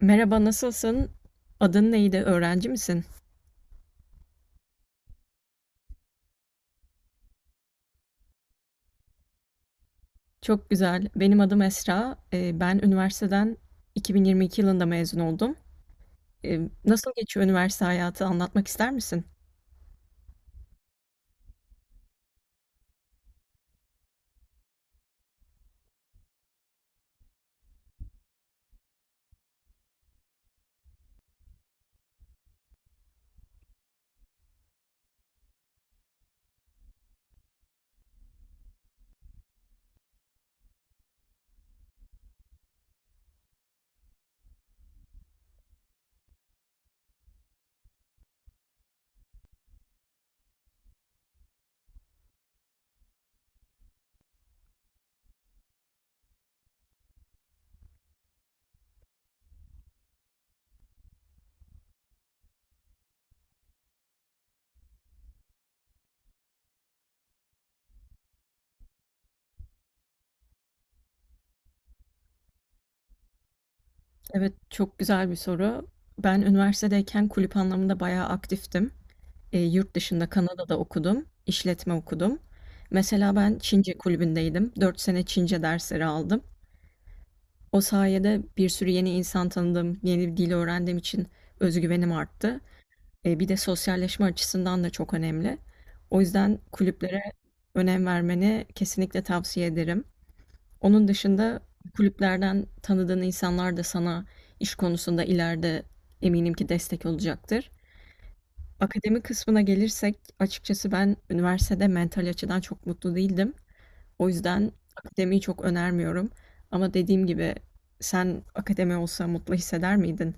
Merhaba, nasılsın? Adın neydi? Öğrenci misin? Çok güzel. Benim adım Esra. Ben üniversiteden 2022 yılında mezun oldum. Nasıl geçiyor üniversite hayatı? Anlatmak ister misin? Evet, çok güzel bir soru. Ben üniversitedeyken kulüp anlamında bayağı aktiftim. Yurt dışında Kanada'da okudum, işletme okudum. Mesela ben Çince kulübündeydim. 4 sene Çince dersleri aldım. O sayede bir sürü yeni insan tanıdım, yeni bir dil öğrendiğim için özgüvenim arttı. Bir de sosyalleşme açısından da çok önemli. O yüzden kulüplere önem vermeni kesinlikle tavsiye ederim. Onun dışında kulüplerden tanıdığın insanlar da sana iş konusunda ileride eminim ki destek olacaktır. Akademi kısmına gelirsek açıkçası ben üniversitede mental açıdan çok mutlu değildim. O yüzden akademiyi çok önermiyorum. Ama dediğim gibi sen akademi olsa mutlu hisseder miydin?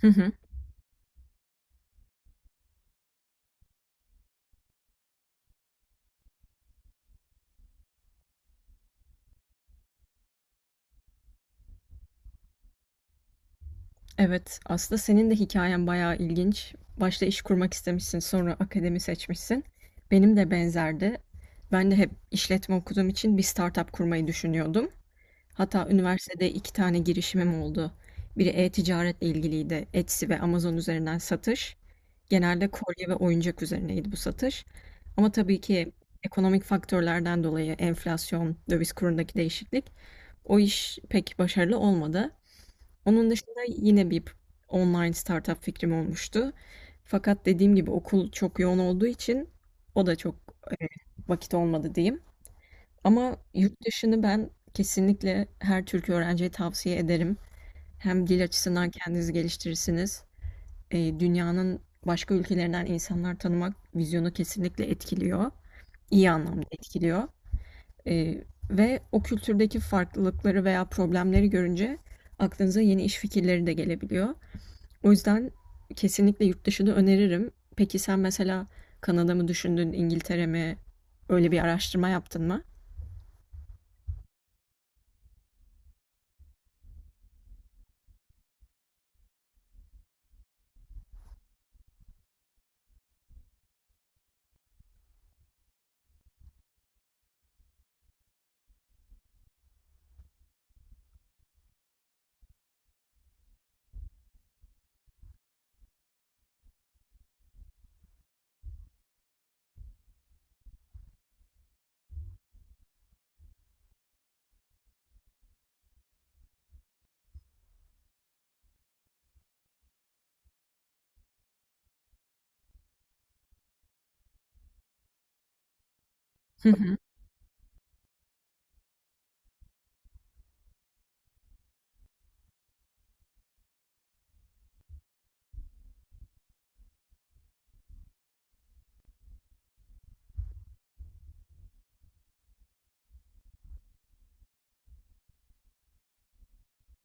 Hı hı. Evet, aslında senin de hikayen bayağı ilginç. Başta iş kurmak istemişsin, sonra akademi seçmişsin. Benim de benzerdi. Ben de hep işletme okuduğum için bir startup kurmayı düşünüyordum. Hatta üniversitede 2 tane girişimim oldu. Biri e-ticaretle ilgiliydi. Etsy ve Amazon üzerinden satış. Genelde kolye ve oyuncak üzerineydi bu satış. Ama tabii ki ekonomik faktörlerden dolayı enflasyon, döviz kurundaki değişiklik o iş pek başarılı olmadı. Onun dışında yine bir online startup fikrim olmuştu. Fakat dediğim gibi okul çok yoğun olduğu için o da çok vakit olmadı diyeyim. Ama yurt dışını ben kesinlikle her Türk öğrenciye tavsiye ederim. Hem dil açısından kendinizi geliştirirsiniz. Dünyanın başka ülkelerinden insanlar tanımak vizyonu kesinlikle etkiliyor. İyi anlamda etkiliyor. E, ve o kültürdeki farklılıkları veya problemleri görünce aklınıza yeni iş fikirleri de gelebiliyor. O yüzden kesinlikle yurt dışını öneririm. Peki sen mesela Kanada mı düşündün, İngiltere mi? Öyle bir araştırma yaptın mı? Hı hı.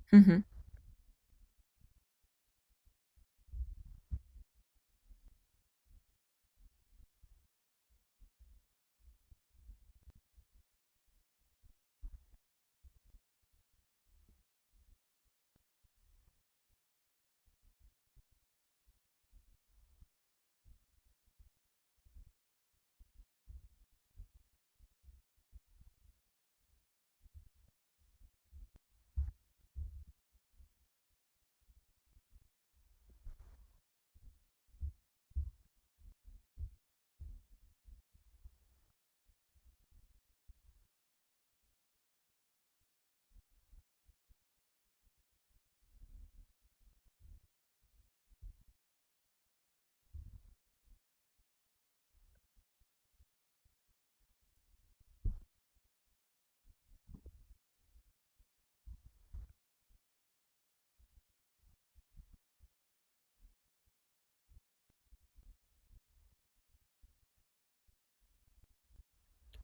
Hı hı.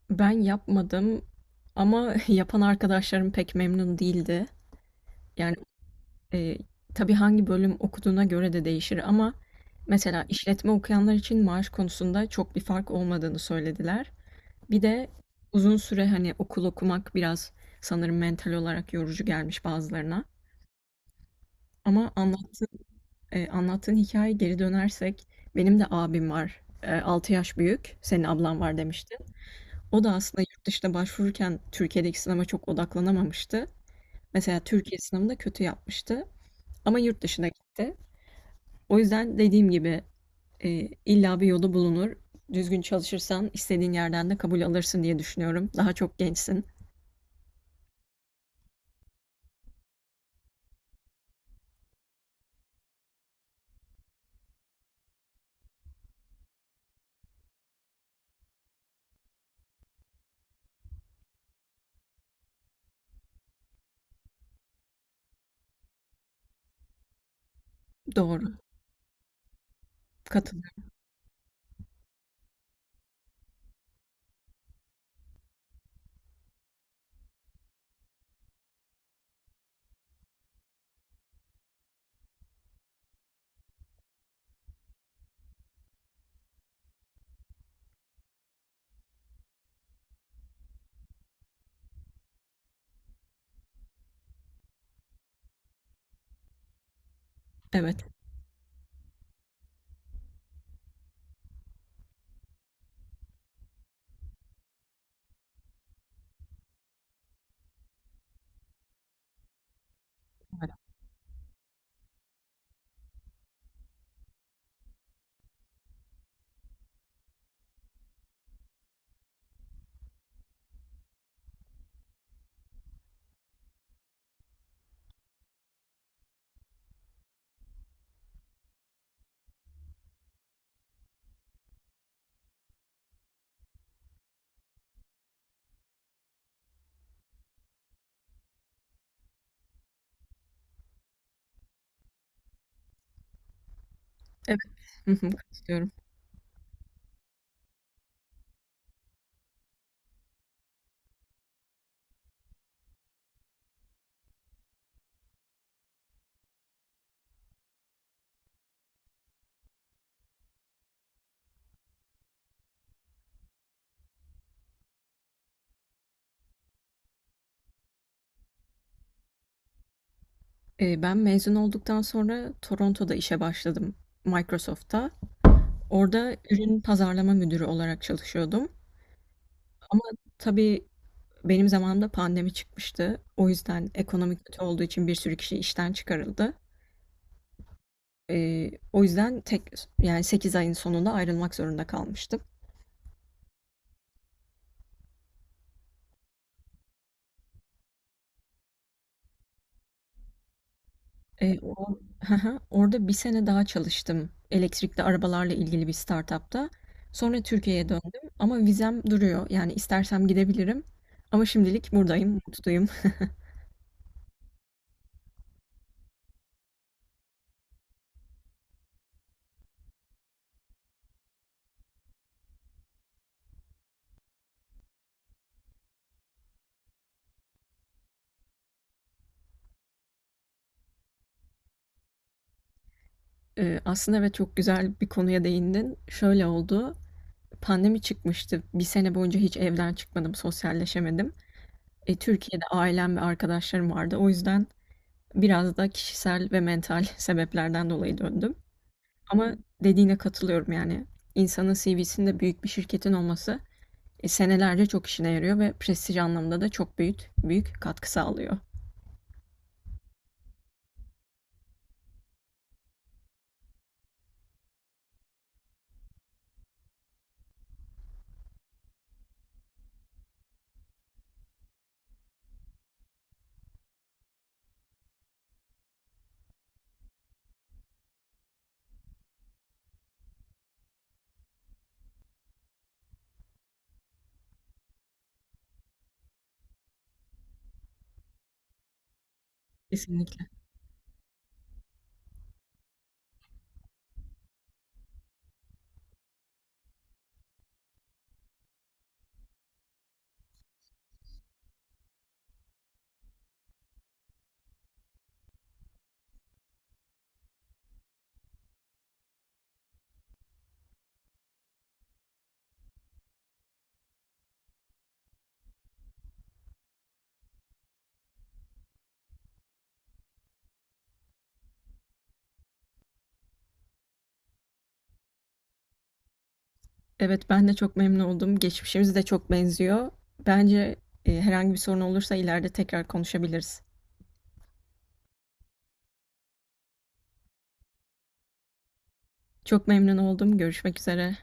Ben yapmadım ama yapan arkadaşlarım pek memnun değildi. Yani e, tabii hangi bölüm okuduğuna göre de değişir ama mesela işletme okuyanlar için maaş konusunda çok bir fark olmadığını söylediler. Bir de uzun süre hani okul okumak biraz sanırım mental olarak yorucu gelmiş bazılarına. Ama anlattığın hikaye geri dönersek benim de abim var. Altı yaş büyük. Senin ablan var demiştin. O da aslında yurt dışına başvururken Türkiye'deki sınava çok odaklanamamıştı. Mesela Türkiye sınavında kötü yapmıştı ama yurt dışına gitti. O yüzden dediğim gibi e, illa bir yolu bulunur. Düzgün çalışırsan istediğin yerden de kabul alırsın diye düşünüyorum. Daha çok gençsin. Doğru. Katılıyorum. Evet. Evet. Evet. Hı hı, katılıyorum. Ben mezun olduktan sonra Toronto'da işe başladım. Microsoft'ta. Orada ürün pazarlama müdürü olarak çalışıyordum ama tabii benim zamanımda pandemi çıkmıştı. O yüzden ekonomi kötü olduğu için bir sürü kişi işten çıkarıldı. O yüzden yani 8 ayın sonunda ayrılmak zorunda kalmıştım. Eee, o, orada bir sene daha çalıştım elektrikli arabalarla ilgili bir startupta. Sonra Türkiye'ye döndüm ama vizem duruyor. Yani istersem gidebilirim. Ama şimdilik buradayım, mutluyum. Aslında evet çok güzel bir konuya değindin. Şöyle oldu. Pandemi çıkmıştı. Bir sene boyunca hiç evden çıkmadım, sosyalleşemedim. Türkiye'de ailem ve arkadaşlarım vardı. O yüzden biraz da kişisel ve mental sebeplerden dolayı döndüm. Ama dediğine katılıyorum yani. İnsanın CV'sinde büyük bir şirketin olması, senelerce çok işine yarıyor ve prestij anlamında da çok büyük büyük katkı sağlıyor. Kesinlikle. Evet ben de çok memnun oldum. Geçmişimiz de çok benziyor. Bence herhangi bir sorun olursa ileride tekrar konuşabiliriz. Çok memnun oldum. Görüşmek üzere.